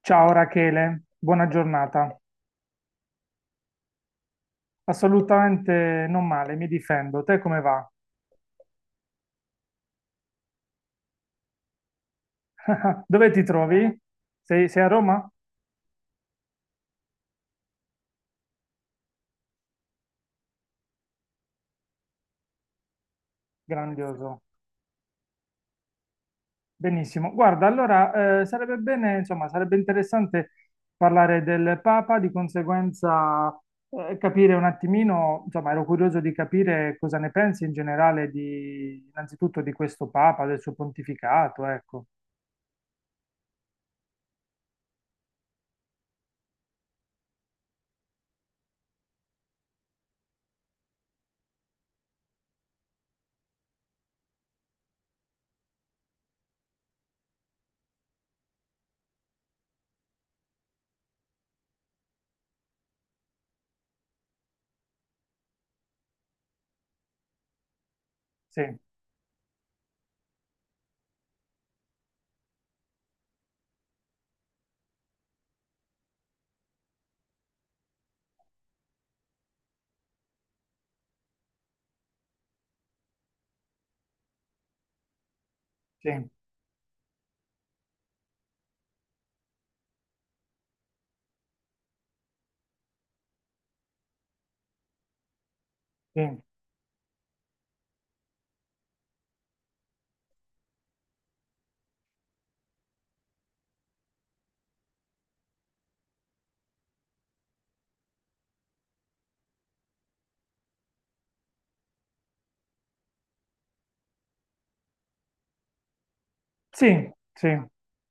Ciao Rachele, buona giornata. Assolutamente non male, mi difendo. Te come va? Dove ti trovi? Sei a Roma? Grandioso. Benissimo. Guarda, allora sarebbe bene, insomma, sarebbe interessante parlare del Papa, di conseguenza capire un attimino, insomma, ero curioso di capire cosa ne pensi in generale di, innanzitutto di questo Papa, del suo pontificato, ecco. Sì, sì, sì. Sì, sì,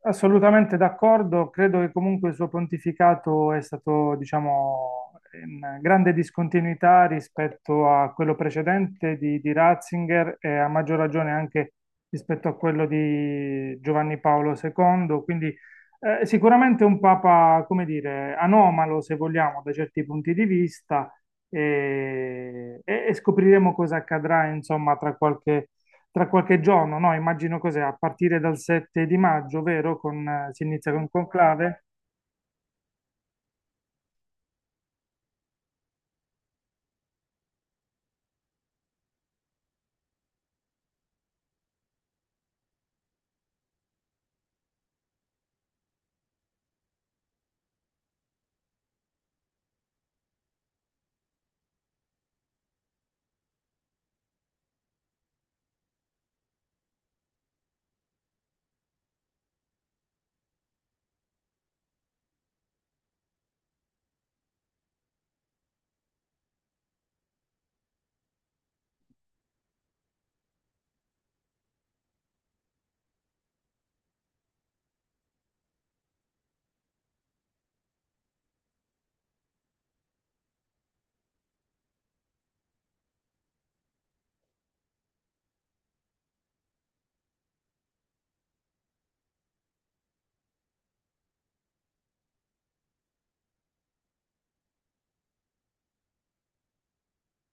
assolutamente d'accordo. Credo che comunque il suo pontificato è stato, diciamo, in grande discontinuità rispetto a quello precedente di, Ratzinger e a maggior ragione anche rispetto a quello di Giovanni Paolo II. Quindi sicuramente un papa, come dire, anomalo se vogliamo da certi punti di vista e, e scopriremo cosa accadrà, insomma, tra qualche giorno, no? Immagino cos'è, a partire dal 7 di maggio, vero? Con, si inizia con Conclave?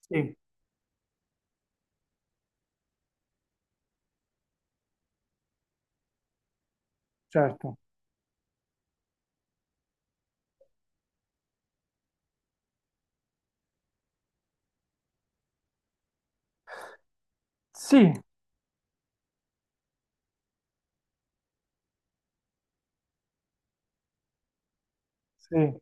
Sì, certo. Sì, sì.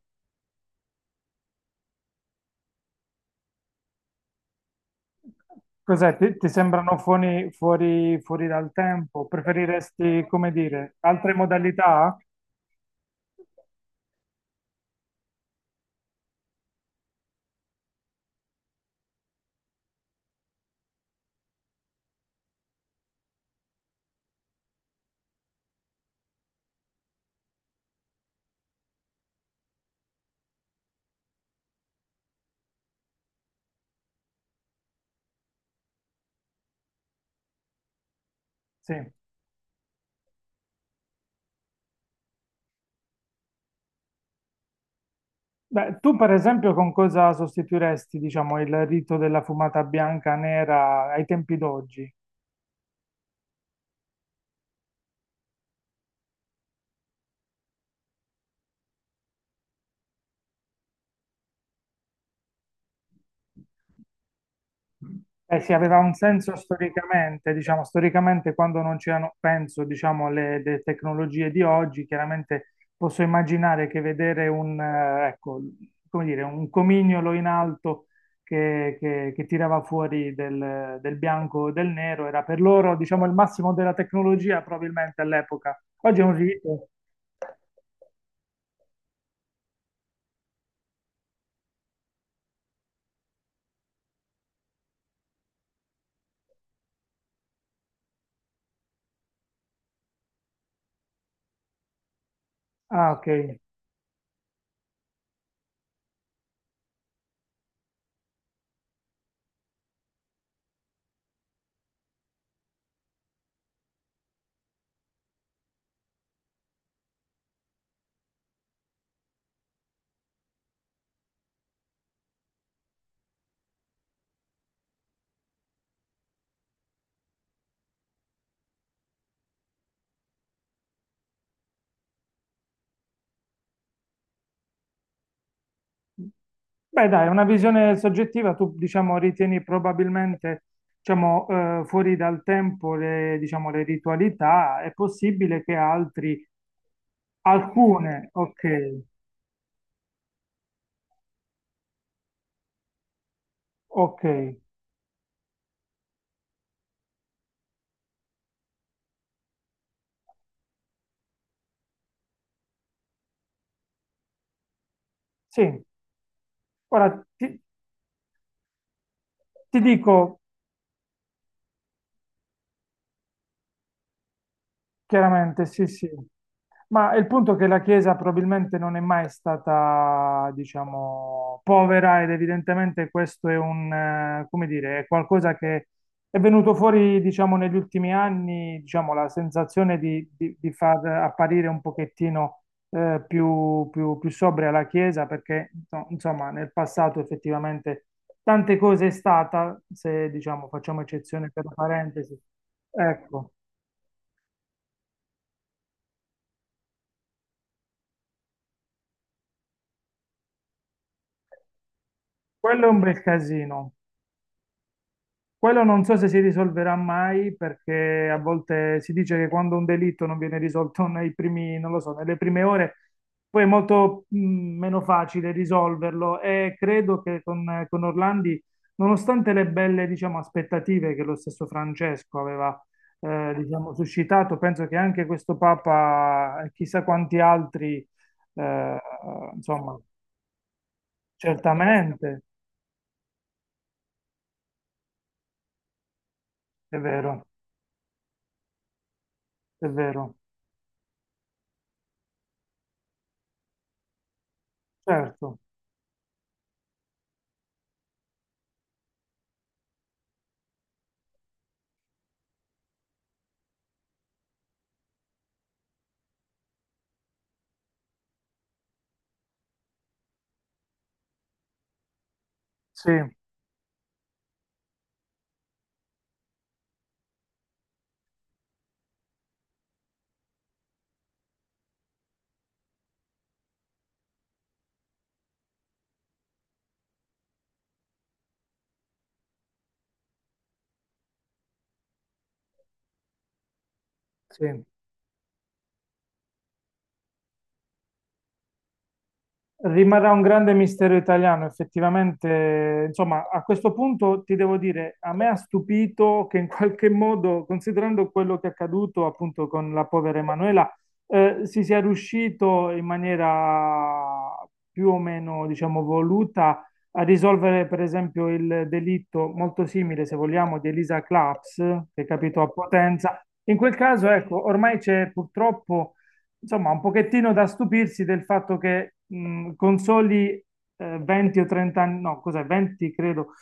Cos'è? Ti sembrano fuori dal tempo? Preferiresti, come dire, altre modalità? Sì. Beh, tu per esempio con cosa sostituiresti, diciamo, il rito della fumata bianca nera ai tempi d'oggi? Eh sì, aveva un senso storicamente, diciamo, storicamente quando non c'erano, penso, diciamo, alle le tecnologie di oggi, chiaramente posso immaginare che vedere un, ecco, come dire, un comignolo in alto che, che tirava fuori del, del bianco o del nero era per loro, diciamo, il massimo della tecnologia probabilmente all'epoca. Oggi è un rito. Ah, ok. Beh, dai, una visione soggettiva, tu diciamo ritieni probabilmente diciamo, fuori dal tempo le, diciamo, le ritualità, è possibile che altri, alcune, ok, ok, sì, ora ti, ti dico chiaramente, sì, sì. Ma il punto è che la Chiesa probabilmente non è mai stata, diciamo, povera ed evidentemente questo è un, come dire, è qualcosa che è venuto fuori, diciamo, negli ultimi anni, diciamo, la sensazione di, di far apparire un pochettino più sobria la Chiesa perché, no, insomma, nel passato effettivamente tante cose è stata, se, diciamo, facciamo eccezione per la parentesi, ecco, quello è un bel casino. Quello non so se si risolverà mai perché a volte si dice che quando un delitto non viene risolto nei primi, non lo so, nelle prime ore, poi è molto meno facile risolverlo e credo che con Orlandi, nonostante le belle, diciamo, aspettative che lo stesso Francesco aveva, diciamo, suscitato, penso che anche questo Papa e chissà quanti altri, eh, insomma, certamente, è vero, è vero, certo, sì. Sì. Rimarrà un grande mistero italiano, effettivamente. Insomma, a questo punto ti devo dire, a me ha stupito che in qualche modo, considerando quello che è accaduto appunto con la povera Emanuela, si sia riuscito in maniera più o meno, diciamo, voluta a risolvere, per esempio, il delitto molto simile, se vogliamo, di Elisa Claps, che è capito a Potenza. In quel caso, ecco, ormai c'è purtroppo insomma, un pochettino da stupirsi del fatto che con soli 20 o 30 anni, no, cos'è, 20 credo,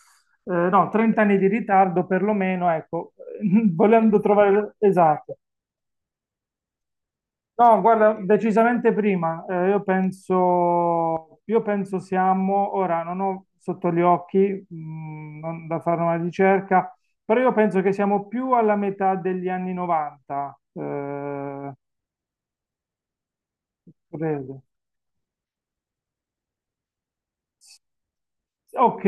no, 30 anni di ritardo perlomeno, ecco, volendo trovare esatto. No, guarda, decisamente prima, io penso siamo, ora non ho sotto gli occhi, non da fare una ricerca, però io penso che siamo più alla metà degli anni 90, credo. Ok,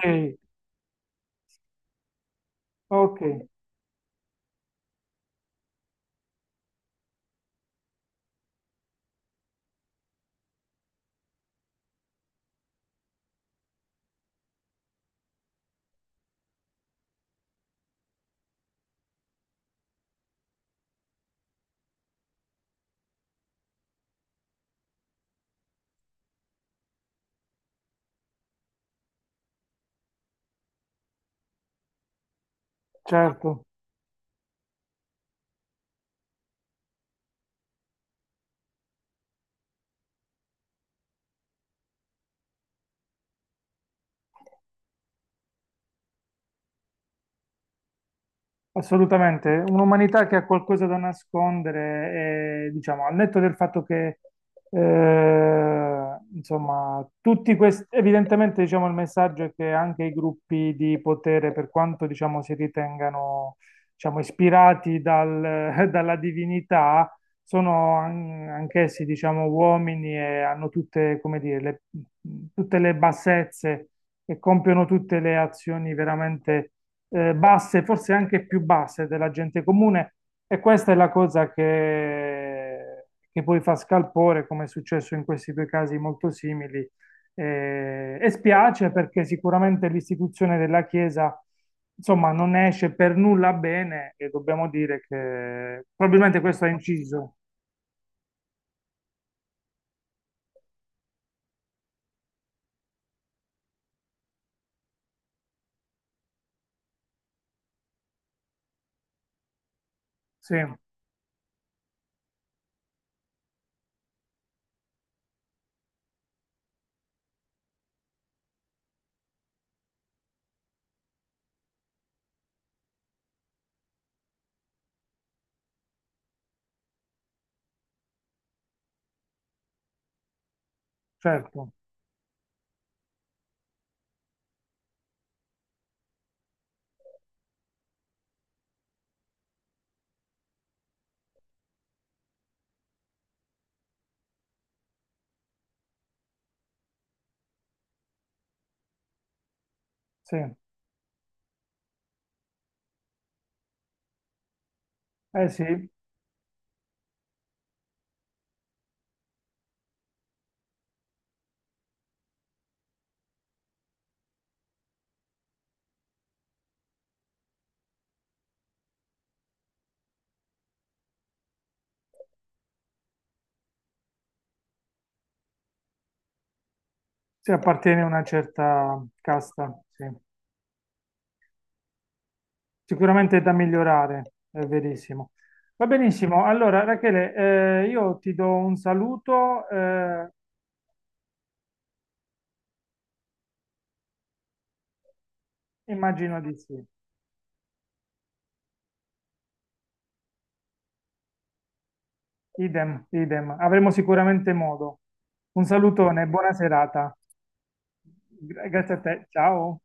ok. Certo, assolutamente. Un'umanità che ha qualcosa da nascondere, e, diciamo, al netto del fatto che, insomma, tutti questi, evidentemente, diciamo, il messaggio è che anche i gruppi di potere, per quanto, diciamo, si ritengano, diciamo, ispirati dalla divinità, sono anch'essi, diciamo, uomini e hanno tutte, come dire, tutte le bassezze e compiono tutte le azioni veramente basse, forse anche più basse della gente comune. E questa è la cosa che poi fa scalpore, come è successo in questi due casi molto simili. E spiace perché sicuramente l'istituzione della Chiesa, insomma, non ne esce per nulla bene e dobbiamo dire che probabilmente questo ha inciso. Sì, certo, sì. Eh sì, si appartiene a una certa casta, sì. Sicuramente è da migliorare, è verissimo. Va benissimo. Allora, Rachele, io ti do un saluto, immagino di sì. Idem, idem. Avremo sicuramente modo. Un salutone, buona serata. Grazie a te. Ciao.